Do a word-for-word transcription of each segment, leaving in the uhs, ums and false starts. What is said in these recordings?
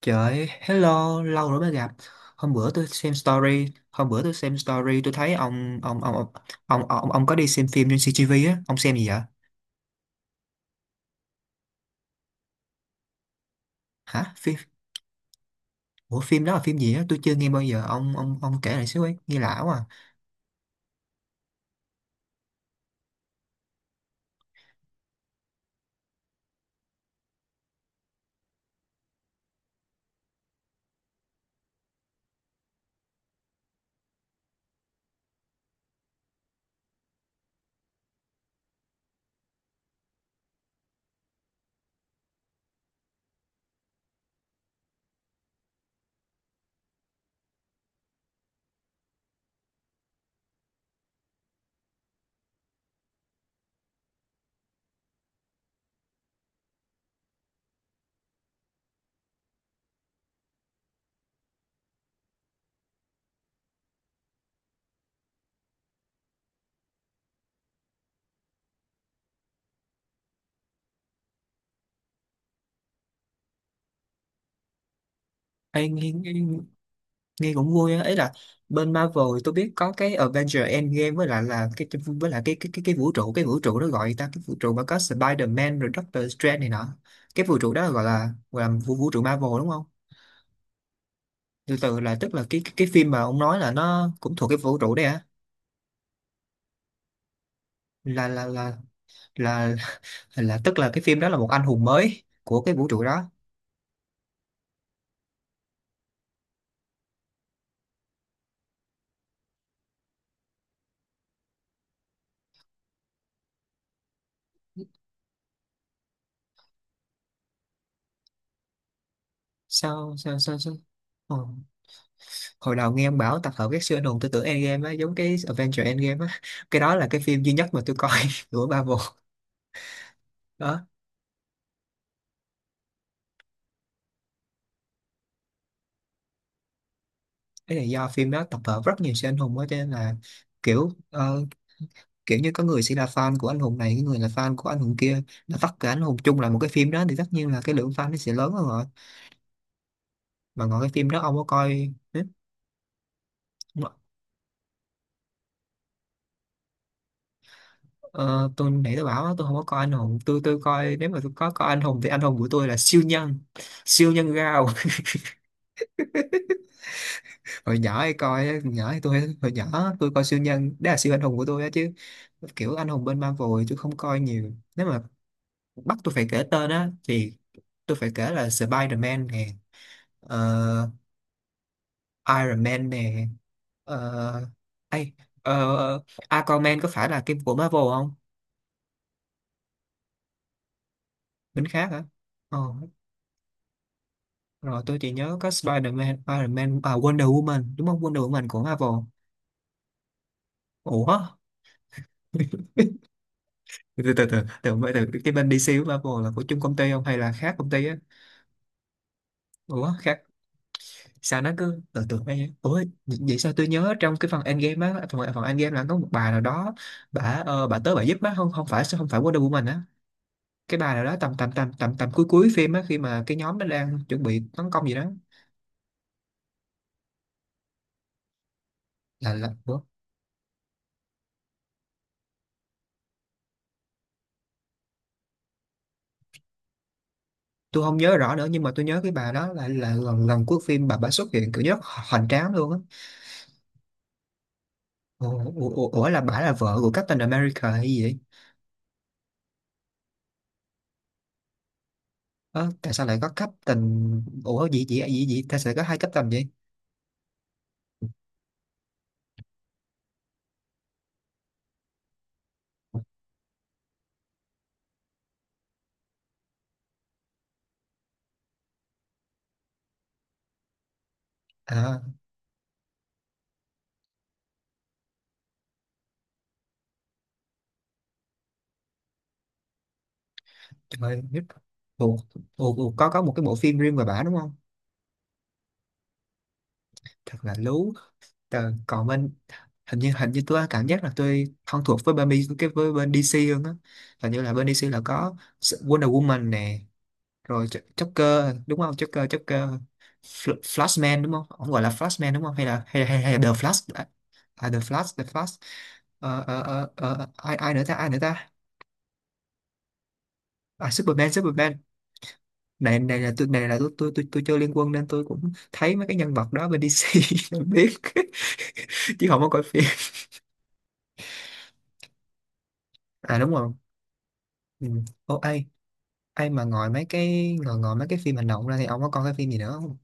Trời ơi, hello, lâu rồi mới gặp. Hôm bữa tôi xem story, hôm bữa tôi xem story tôi thấy ông ông ông ông ông, ông, ông có đi xem phim trên xê giê vê á, ông xem gì vậy? Hả? Phim. Ủa phim đó là phim gì á? Tôi chưa nghe bao giờ. Ông ông ông kể lại xíu ấy, nghe lạ quá. À. Ê, nghe, nghe nghe cũng vui á, ấy là bên Marvel tôi biết có cái Avengers Endgame với lại là cái với lại cái cái cái, cái vũ trụ, cái vũ trụ đó gọi ta cái vũ trụ mà có Spider-Man rồi Doctor Strange này nọ. Cái vũ trụ đó gọi là gọi là vũ, vũ trụ Marvel đúng không? Từ từ là tức là cái cái, cái phim mà ông nói là nó cũng thuộc cái vũ trụ đấy hả? Là là là là là tức là cái phim đó là một anh hùng mới của cái vũ trụ đó. Sao sao sao sao Ờ. Hồi đầu nghe ông bảo tập hợp các siêu anh hùng tôi tưởng Endgame á, giống cái Avengers Endgame á, cái đó là cái phim duy nhất mà tôi coi của Marvel đó. Cái là do phim đó tập hợp rất nhiều siêu anh hùng á, cho nên là kiểu ờ, kiểu như có người sẽ là fan của anh hùng này, có người là fan của anh hùng kia, là tất cả anh hùng chung là một cái phim đó thì tất nhiên là cái lượng fan nó sẽ lớn hơn rồi. Mà còn cái phim đó ông có coi. ờ, tôi nãy tôi bảo á, tôi không có coi anh hùng, tôi tôi coi, nếu mà tôi có coi anh hùng thì anh hùng của tôi là siêu nhân, siêu nhân gao. Hồi nhỏ hay coi á, nhỏ thì tôi hồi nhỏ tôi coi siêu nhân đó là siêu anh hùng của tôi á, chứ kiểu anh hùng bên Marvel thì tôi không coi nhiều. Nếu mà bắt tôi phải kể tên á thì tôi phải kể là Spider-Man nè, ờ, Iron Man nè, ờ, ai ờ, Aquaman có phải là phim của Marvel không? Bên khác hả? Ờ. Rồi tôi chỉ nhớ có Spider-Man, Spider-Man, à Wonder Woman, đúng không? Wonder Woman của Marvel. Ủa? Từ từ từ, từ, từ, từ, từ cái bên đi xi của Marvel là của chung công ty không, hay là khác công ty á? Ủa, khác. Sao nó cứ từ từ mấy. Ủa, vậy sao tôi nhớ trong cái phần Endgame á, phần, phần Endgame là có một bà nào đó, bà ờ, bà tới bà giúp á, không không phải không phải Wonder Woman á. Cái bà nào đó tầm tầm tầm tầm tầm cuối cuối phim á, khi mà cái nhóm nó đang chuẩn bị tấn công gì đó. Là là ủa? Tôi không nhớ rõ nữa nhưng mà tôi nhớ cái bà đó là là lần lần cuối phim bà bà xuất hiện kiểu rất hoành tráng luôn á. Ủa, ủa, ủa, là bà là vợ của Captain America hay gì vậy? Ơ, tại sao lại có Captain. Ủa gì gì gì gì tại sao lại có hai Captain vậy? À, trời ơi biết- ủa, ủa, ủa, có có một cái bộ phim riêng về bà đúng không? Thật là lú. Tờ, còn bên, hình như hình như tôi cảm giác là tôi thân thuộc với bên B- cái với bên đê xê hơn á. Hình như là bên đê xê là có Wonder Woman nè, rồi Ch- Joker đúng không? Joker, Joker, Fl- Flashman đúng không? Ông gọi là Flashman đúng không hay là hay hay, hay là The Flash, à, à, The Flash, The Flash. Ờ, ờ, ờ, ờ, ai ai nữa ta, ai nữa ta, à, Superman, Superman. Này này là tôi này là tôi tôi tôi tôi chơi Liên Quân nên tôi cũng thấy mấy cái nhân vật đó bên đi xi tôi biết chứ không có coi phim. À đúng rồi. Ừ. Ô ai, ai mà ngồi mấy cái ngồi ngồi mấy cái phim hành động ra thì ông có coi cái phim gì nữa không?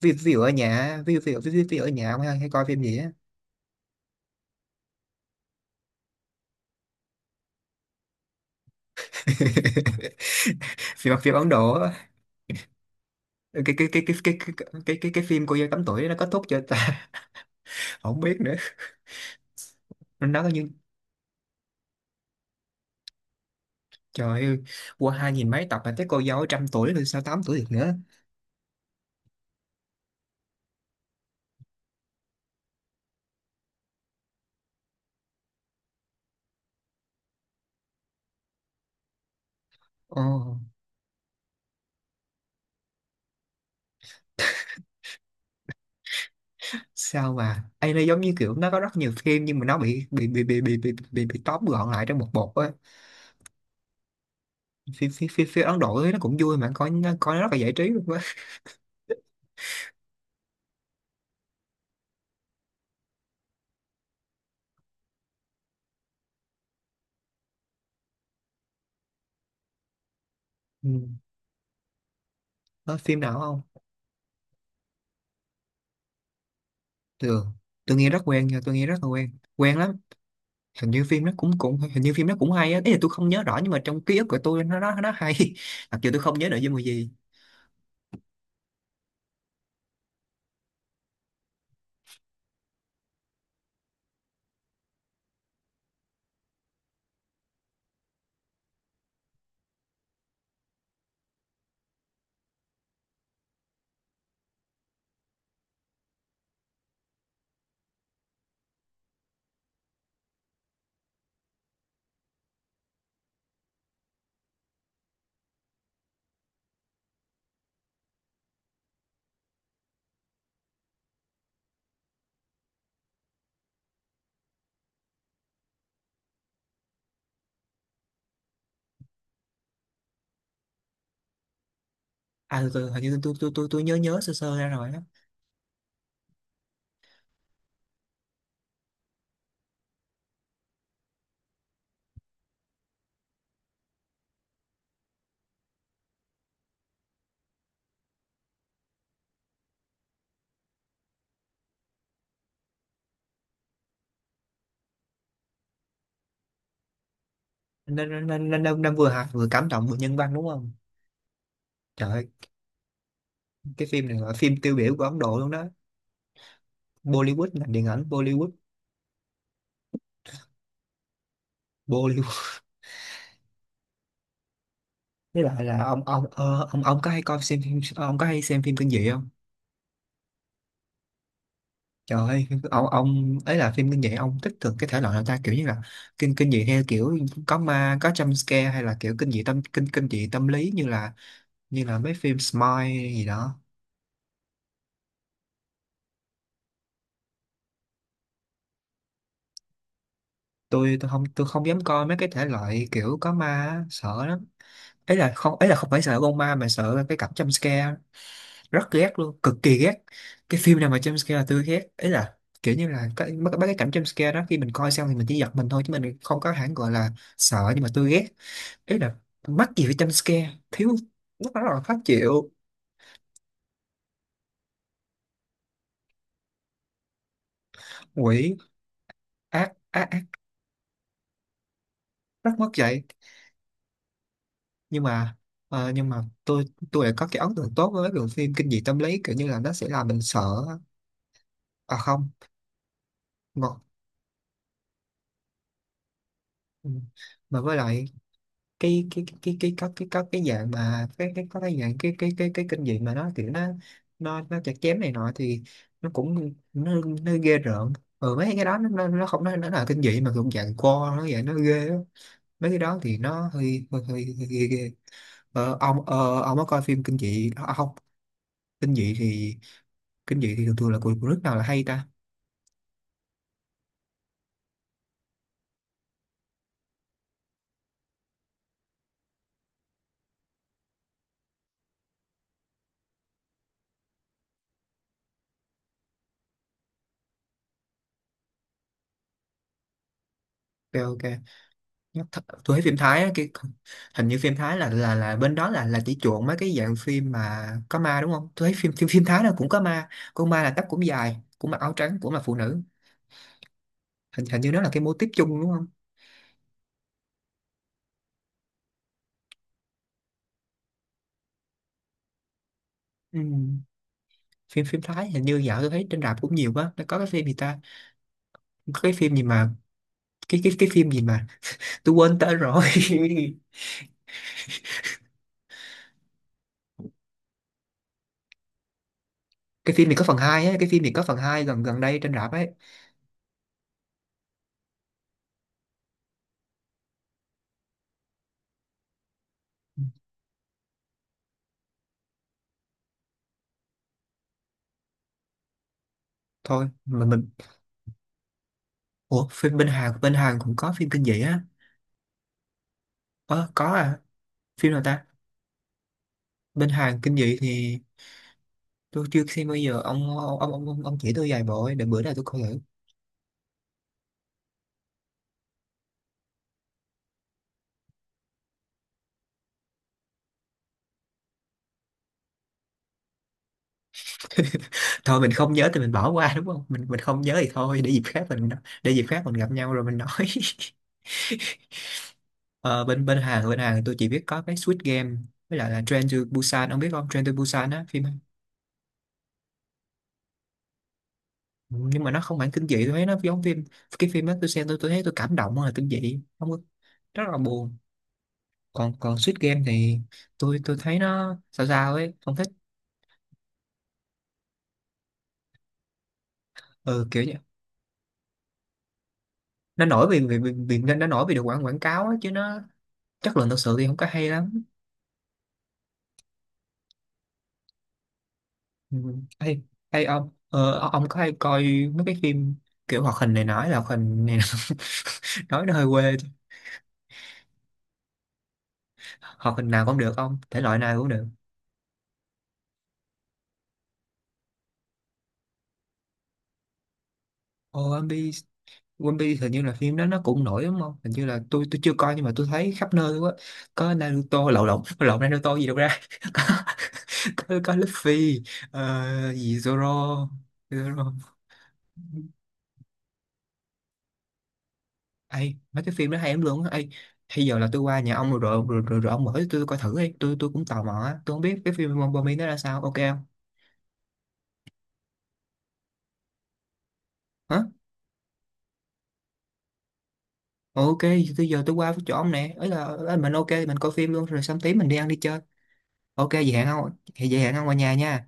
Ví, ví dụ ở nhà, ví dụ ví dụ, ví dụ ví dụ ở nhà ông hay, hay coi phim gì á? Phim phim Ấn Độ á. Cái cái cái cái cái cái cái cái, cái phim cô dâu tám tuổi nó kết thúc chưa ta? Không biết nữa. Nó có như, trời ơi, qua hai nghìn mấy tập mà tới cô dâu trăm tuổi rồi sao tám tuổi được nữa? Ồ. Sao mà ấy, nó giống như kiểu nó có rất nhiều phim nhưng mà nó bị bị bị bị bị bị bị, bị tóm gọn lại trong một bột á. Phim phim phim, phim Ấn Độ ấy, nó cũng vui, mà coi nó coi nó rất là giải trí luôn á. Ừ. Có phim nào không thường? Tôi nghe rất quen nha, tôi nghe rất là quen, quen lắm. Hình như phim nó cũng cũng hình như phim nó cũng hay á, ý là tôi không nhớ rõ nhưng mà trong ký ức của tôi nó nó nó hay mặc dù tôi không nhớ nội dung là gì. À tôi, tôi- hình như tôi tôi tôi tôi nhớ nhớ sơ sơ ra rồi á. Nên nên nên, nên, nên nên vừa hài, vừa cảm động, vừa nhân văn đúng không? Trời ơi, cái phim này là phim tiêu biểu của Ấn Độ luôn đó. Bollywood, ngành điện ảnh Bollywood, Bollywood. Với lại là ông ông ờ, ông ông có hay coi xem phim, ông có hay xem phim kinh dị không? Trời ơi, ông ông ấy là phim kinh dị ông thích thường cái thể loại nào ta, kiểu như là kinh kinh dị theo kiểu có ma, có jump scare, hay là kiểu kinh dị tâm kinh kinh dị tâm lý như là như là mấy phim Smile gì đó. Tôi tôi không tôi không dám coi mấy cái thể loại kiểu có ma á, sợ lắm. Ấy là không, ấy là không phải sợ con ma mà sợ cái cảnh jump scare, rất ghét luôn, cực kỳ ghét. Cái phim nào mà jump scare là tôi ghét. Ấy là kiểu như là cái mấy mấy cái cảnh jump scare đó, khi mình coi xong thì mình chỉ giật mình thôi chứ mình không có hẳn gọi là sợ, nhưng mà tôi ghét. Ý là mắc gì phải jump scare thiếu, lúc đó là khó chịu. Quỷ, ác ác ác, rất mất dạy. Nhưng mà, ờ, nhưng mà tôi tôi lại có cái ấn tượng tốt với mấy bộ phim kinh dị tâm lý, kiểu như là nó sẽ làm mình sợ. À không, mà, mà với lại cái cái cái cái cái có cái có cái dạng mà cái cái có cái dạng cái cái cái cái kinh dị mà nó kiểu nó nó nó chặt chém này nọ thì nó cũng nó nó ghê rợn. Ừ, mấy cái đó nó nó, nó không nó nó là kinh dị mà cũng dạng co nó vậy, nó ghê á. Mấy cái đó thì nó hơi hơi hơi, hơi ghê ghê. Ờ, ông ờ, ông có coi phim kinh dị à, không? Kinh dị thì, kinh dị thì thường thường là của, của nước nào là hay ta? Ok ok. Nhắc th- tôi thấy phim Thái á, cái hình như phim Thái là là là bên đó là là chỉ chuộng mấy cái dạng phim mà có ma đúng không? Tôi thấy phim phim phim Thái nào cũng có ma, con ma là tóc cũng dài, cũng mặc áo trắng, cũng là phụ nữ. Hình hình như nó là cái mô típ chung đúng không? Ừ. phim phim Thái hình như dạo tôi thấy trên rạp cũng nhiều quá. Nó có cái phim gì ta? Có cái phim gì mà, cái cái cái phim gì mà tôi quên tên rồi. Cái phim này có phần hai ấy, cái phim này có phần hai gần gần đây trên rạp ấy. Thôi mà mình, ủa phim bên Hàn, bên Hàn cũng có phim kinh dị á? Ờ có à? Phim nào ta? Bên Hàn kinh dị thì tôi chưa xem bao giờ, ông ông ông ông, ông chỉ tôi vài bộ ấy, để bữa nào tôi coi thử. Thôi mình không nhớ thì mình bỏ qua đúng không, mình mình không nhớ thì thôi, để dịp khác mình, để dịp khác mình gặp nhau rồi mình nói. Ờ, bên bên Hàn bên Hàn tôi chỉ biết có cái Squid Game với lại là Train to Busan. Ông biết không? Train to Busan á, phim, ừ, nhưng mà nó không hẳn kinh dị, tôi thấy nó giống phim, cái phim đó tôi xem tôi tôi thấy tôi cảm động hơn là kinh dị, không có, rất là buồn. Còn còn Squid Game thì tôi tôi thấy nó sao sao ấy, không thích. Ừ, kiểu như nó nổi vì vì vì, vì nó nổi vì được quảng quảng cáo ấy, chứ nó chất lượng thực sự thì không có hay lắm. Ừ. Hay, hay ông ờ, ông có hay coi mấy cái phim kiểu hoạt hình, này nói là hoạt hình này nói nó hơi quê chứ. Hoạt hình nào cũng được ông, thể loại nào cũng được. Zombie. One Piece hình như là phim đó nó cũng nổi đúng không? Hình như là tôi tôi chưa coi nhưng mà tôi thấy khắp nơi quá. Có Naruto, lộn lộn lộn Naruto gì đâu ra. Có có, có Luffy, ờ, gì Zoro. Zoro. Ê, mấy cái phim đó hay lắm luôn á. Ê, bây giờ là tôi qua nhà ông rồi rồi rồi, rồi, rồi ông mở cho tôi coi thử đi. Tôi tôi cũng tò mò á. Tôi không biết cái phim Bombay nó ra sao. Ok không? Hả? Ok, bây giờ tôi qua chỗ ông nè. Ấy là ấy, mình ok mình coi phim luôn rồi xong tí mình đi ăn đi chơi. Ok vậy hẹn ông. Vậy hẹn ông qua nhà nha.